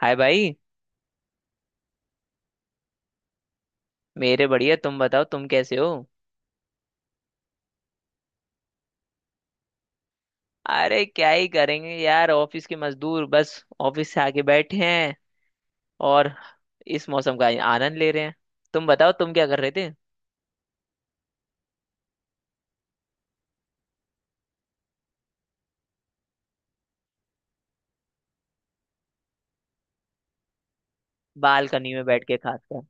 हाय भाई। मेरे बढ़िया, तुम बताओ तुम कैसे हो। अरे क्या ही करेंगे यार, ऑफिस के मजदूर बस ऑफिस से आके बैठे हैं और इस मौसम का आनंद ले रहे हैं। तुम बताओ तुम क्या कर रहे थे। बालकनी में बैठ के खासकर।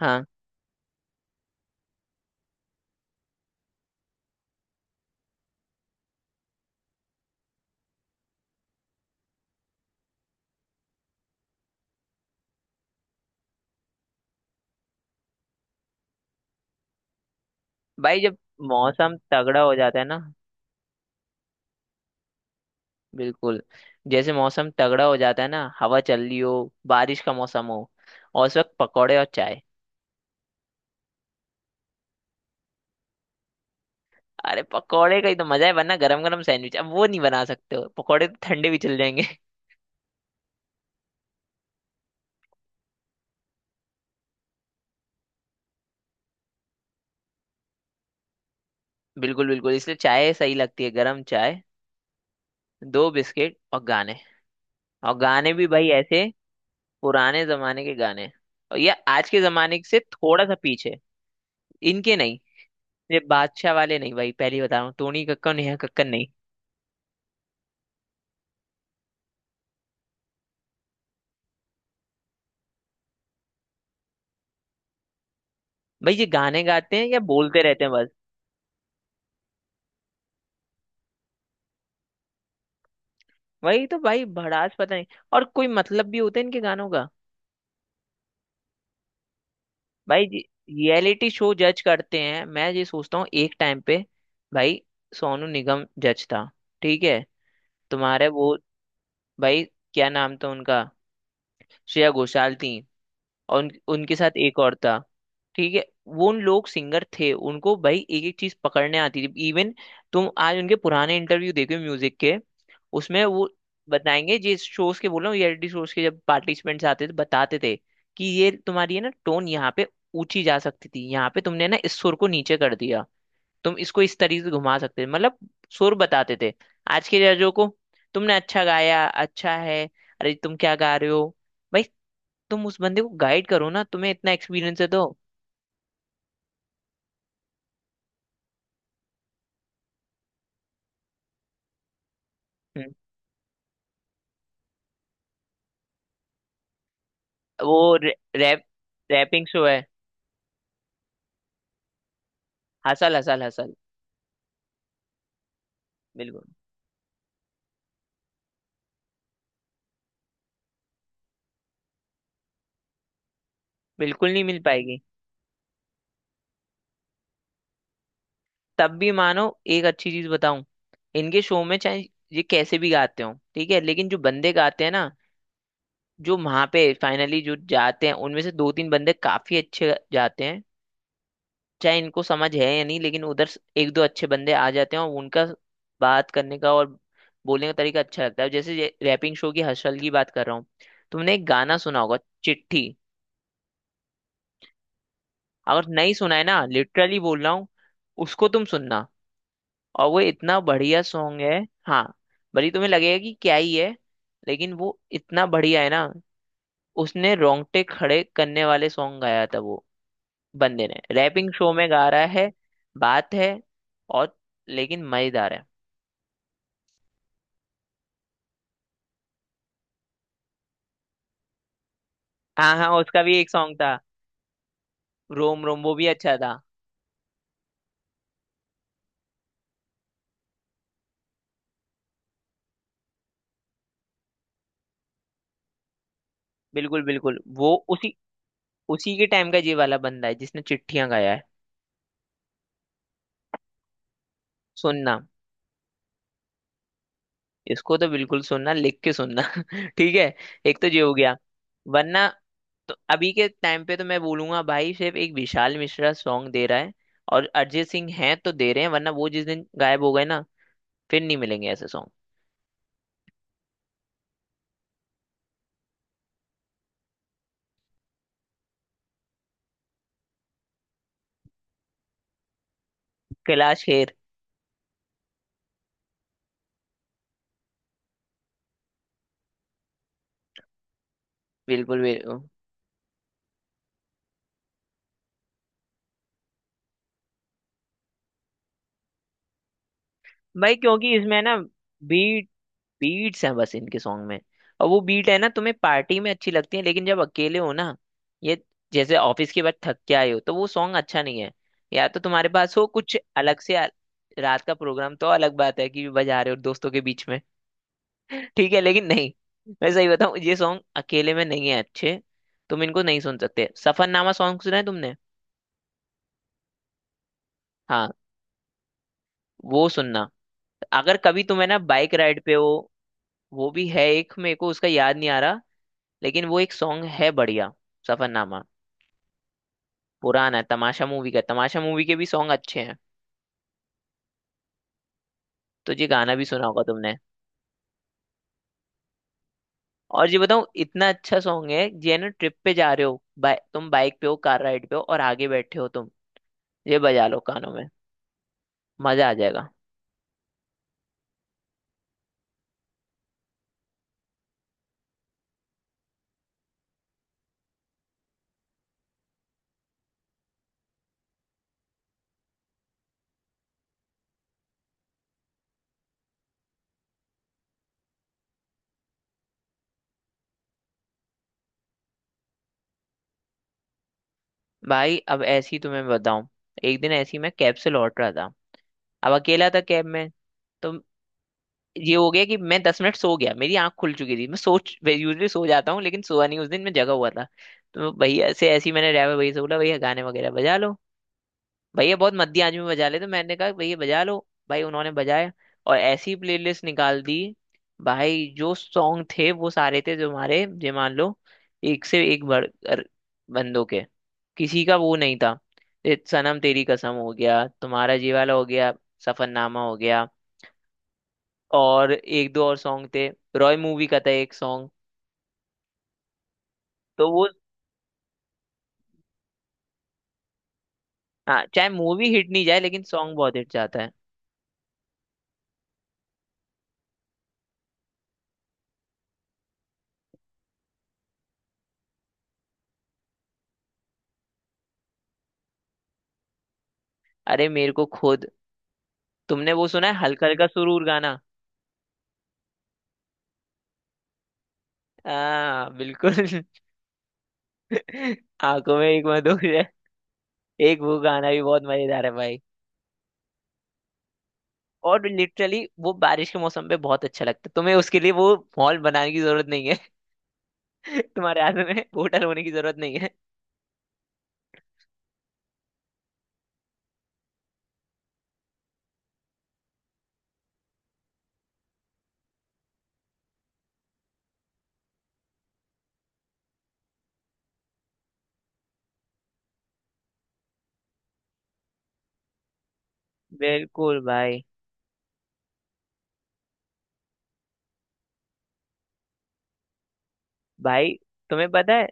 हाँ भाई, जब मौसम तगड़ा हो जाता है ना। बिल्कुल। जैसे मौसम तगड़ा हो जाता है ना, हवा चल रही हो, बारिश का मौसम हो और उस वक्त पकौड़े और चाय। अरे पकौड़े का ही तो मजा है, वरना गरम गरम सैंडविच अब वो नहीं बना सकते हो, पकौड़े तो ठंडे भी चल जाएंगे। बिल्कुल बिल्कुल इसलिए चाय सही लगती है, गरम चाय, दो बिस्किट और गाने। और गाने भी भाई ऐसे पुराने जमाने के गाने, और ये आज के जमाने से थोड़ा सा पीछे, इनके नहीं। ये बादशाह वाले नहीं भाई, पहली बता रहा हूँ, टोनी कक्कर नेहा कक्कर नहीं। भाई ये गाने गाते हैं या बोलते रहते हैं बस। वही तो भाई, भड़ास पता नहीं, और कोई मतलब भी होता है इनके गानों का। भाई रियलिटी शो जज करते हैं, मैं ये सोचता हूँ एक टाइम पे। भाई सोनू निगम जज था, ठीक है, तुम्हारे वो, भाई क्या नाम था उनका, श्रेया घोषाल थी और उनके साथ एक और था। ठीक है, वो उन लोग सिंगर थे, उनको भाई एक एक चीज पकड़ने आती थी इवन। तुम आज उनके पुराने इंटरव्यू देखो म्यूजिक के, उसमें वो बताएंगे। जिस शोज के बोल रहा हूँ, रियलिटी शोज के जब पार्टिसिपेंट्स आते थे बताते थे कि ये तुम्हारी है ना टोन, यहाँ पे ऊंची जा सकती थी, यहाँ पे तुमने ना इस सुर को नीचे कर दिया, तुम इसको इस तरीके से घुमा सकते थे। मतलब सुर बताते थे। आज के जजों को, तुमने अच्छा गाया अच्छा है, अरे तुम क्या गा रहे हो। भाई तुम उस बंदे को गाइड करो ना, तुम्हें इतना एक्सपीरियंस है तो। हम्म, रैप रैपिंग शो है। Hustle hustle hustle. बिल्कुल बिल्कुल नहीं मिल पाएगी। तब भी मानो एक अच्छी चीज बताऊं, इनके शो में चाहे ये कैसे भी गाते हो ठीक है, लेकिन जो बंदे गाते हैं ना, जो वहां पे फाइनली जो जाते हैं उनमें से दो तीन बंदे काफी अच्छे जाते हैं। चाहे इनको समझ है या नहीं लेकिन उधर से एक दो अच्छे बंदे आ जाते हैं, और उनका बात करने का और बोलने का तरीका अच्छा लगता है। जैसे रैपिंग शो की हर्षल की बात कर रहा हूँ। तुमने एक गाना सुना होगा, चिट्ठी। अगर नहीं सुना है ना, लिटरली बोल रहा हूँ, उसको तुम सुनना, और वो इतना बढ़िया सॉन्ग है। हाँ, भले ही तुम्हें लगेगा कि क्या ही है लेकिन वो इतना बढ़िया है ना। उसने रोंगटे खड़े करने वाले सॉन्ग गाया था वो बंदे ने, रैपिंग शो में गा रहा है। बात है, और लेकिन मजेदार है। हाँ हाँ, उसका भी एक सॉन्ग था, रोम रोम, वो भी अच्छा था। बिल्कुल बिल्कुल वो उसी उसी के टाइम का ये वाला बंदा है जिसने चिट्ठियां गाया है। सुनना, इसको तो बिल्कुल सुनना, लिख के सुनना। ठीक है, एक तो ये हो गया वरना। तो अभी के टाइम पे तो मैं बोलूंगा भाई, सिर्फ एक विशाल मिश्रा सॉन्ग दे रहा है, और अरिजीत सिंह है तो दे रहे हैं, वरना वो जिस दिन गायब हो गए ना, फिर नहीं मिलेंगे ऐसे सॉन्ग। कैलाश खेर। बिल्कुल बिल्कुल भाई, क्योंकि इसमें ना बीट बीट्स हैं बस इनके सॉन्ग में। और वो बीट है ना, तुम्हें पार्टी में अच्छी लगती है लेकिन जब अकेले हो ना, ये जैसे ऑफिस के बाद थक के आए हो तो वो सॉन्ग अच्छा नहीं है। या तो तुम्हारे पास हो कुछ अलग से रात का प्रोग्राम तो अलग बात है कि बजा रहे हो दोस्तों के बीच में। ठीक है लेकिन नहीं, मैं सही बताऊं ये सॉन्ग अकेले में नहीं है अच्छे, तुम इनको नहीं सुन सकते। सफरनामा सॉन्ग सुना है तुमने। हाँ, वो सुनना अगर कभी तुम्हें ना बाइक राइड पे हो। वो भी है एक, मेरे को उसका याद नहीं आ रहा लेकिन वो एक सॉन्ग है बढ़िया, सफरनामा। पुराना है तमाशा मूवी का, तमाशा मूवी के भी सॉन्ग अच्छे हैं। तो ये गाना भी सुना होगा तुमने। और ये बताऊं, इतना अच्छा सॉन्ग है ये ना, ट्रिप पे जा रहे हो, बाइ तुम बाइक पे हो, कार राइड पे हो और आगे बैठे हो तुम, ये बजा लो कानों में, मजा आ जाएगा। भाई अब ऐसी तुम्हें बताऊं, एक दिन ऐसी मैं कैब से लौट रहा था, अब अकेला था कैब में। तो ये हो गया कि मैं 10 मिनट सो गया, मेरी आंख खुल चुकी थी, मैं सोच यूजली सो जाता हूँ लेकिन सोया नहीं उस दिन, मैं जगा हुआ था। तो भैया से ऐसे ही मैंने ड्राइवर भैया से बोला, भैया गाने वगैरह बजा लो। भैया बहुत मध्य आदमी, में बजा ले, तो मैंने कहा भैया बजा लो। भाई उन्होंने बजाया और ऐसी प्लेलिस्ट निकाल दी। भाई जो सॉन्ग थे वो सारे थे, जो हमारे जो मान लो एक से एक बढ़ कर बंदों के, किसी का वो नहीं था। ये सनम तेरी कसम हो गया, तुम्हारा जी वाला हो गया, सफरनामा हो गया, और एक दो और सॉन्ग थे। रॉय मूवी का था एक सॉन्ग। तो वो, हाँ चाहे मूवी हिट नहीं जाए लेकिन सॉन्ग बहुत हिट जाता है। अरे मेरे को खुद, तुमने वो सुना है हल्का हल्का सुरूर गाना। आ बिल्कुल। आंखों में एक मधुर है, एक वो गाना भी बहुत मजेदार है भाई। और लिटरली वो बारिश के मौसम पे बहुत अच्छा लगता है, तुम्हें उसके लिए वो मॉल बनाने की जरूरत नहीं है। तुम्हारे हाथ में होटल होने की जरूरत नहीं है। बिल्कुल भाई। भाई तुम्हें पता है,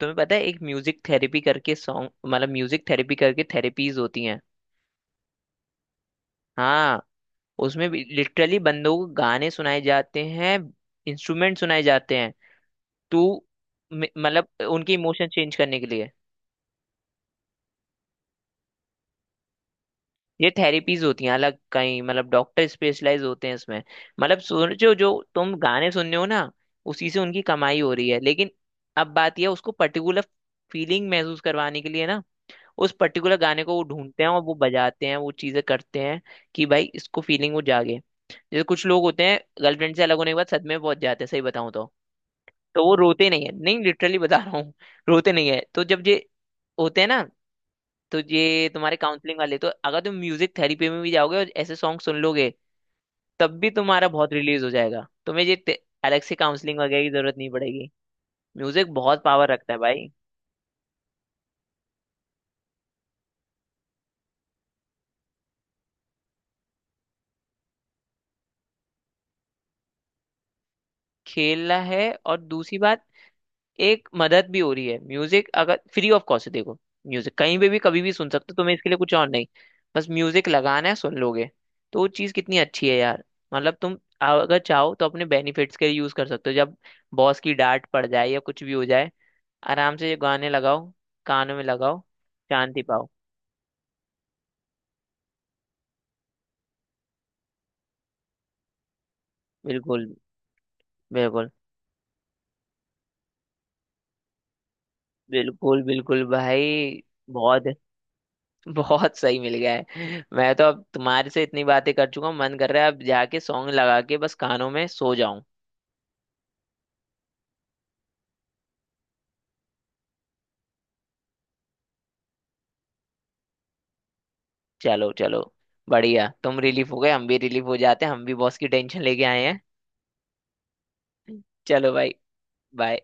तुम्हें पता है एक म्यूजिक थेरेपी करके सॉन्ग, मतलब म्यूजिक थेरेपी करके थेरेपीज होती हैं। हाँ, उसमें भी लिटरली बंदों को गाने सुनाए जाते हैं, इंस्ट्रूमेंट सुनाए जाते हैं। तो मतलब उनके इमोशन चेंज करने के लिए। ये थेरेपीज होती हैं अलग कहीं, मतलब डॉक्टर स्पेशलाइज होते हैं इसमें। मतलब सोचो जो तुम गाने सुन रहे हो ना, उसी से उनकी कमाई हो रही है लेकिन अब बात यह, उसको पर्टिकुलर फीलिंग महसूस करवाने के लिए ना, उस पर्टिकुलर गाने को वो ढूंढते हैं और वो बजाते हैं, वो चीजें करते हैं कि भाई इसको फीलिंग वो जागे। जैसे कुछ लोग होते हैं गर्लफ्रेंड से अलग होने के बाद सदमे में पहुंच जाते हैं, सही बताऊं तो वो रोते नहीं है, नहीं लिटरली बता रहा हूँ। रोते नहीं है, तो जब ये होते हैं ना, तो ये तुम्हारे काउंसलिंग वाले, तो अगर तुम म्यूजिक थेरेपी में भी जाओगे और ऐसे सॉन्ग सुन लोगे, तब भी तुम्हारा बहुत रिलीज हो जाएगा, तुम्हें ये अलग से काउंसलिंग वगैरह की जरूरत नहीं पड़ेगी। म्यूजिक बहुत पावर रखता है भाई। खेलना है, और दूसरी बात, एक मदद भी हो रही है, म्यूजिक अगर फ्री ऑफ कॉस्ट है, देखो म्यूजिक कहीं पे भी कभी भी सुन सकते हो, तुम्हें इसके लिए कुछ और नहीं, बस म्यूजिक लगाना है, सुन लोगे तो वो चीज़ कितनी अच्छी है यार। मतलब तुम अगर चाहो तो अपने बेनिफिट्स के लिए यूज कर सकते हो। जब बॉस की डांट पड़ जाए या कुछ भी हो जाए, आराम से ये गाने लगाओ, कानों में लगाओ, शांति पाओ। बिल्कुल बिल्कुल। बिल्कुल भाई। बहुत बहुत सही मिल गया है। मैं तो अब तुम्हारे से इतनी बातें कर चुका हूँ, मन कर रहा है अब जाके सॉन्ग लगा के बस कानों में सो जाऊं। चलो चलो, बढ़िया तुम रिलीफ हो गए, हम भी रिलीफ हो जाते हैं, हम भी बॉस की टेंशन लेके आए हैं। चलो भाई, बाय।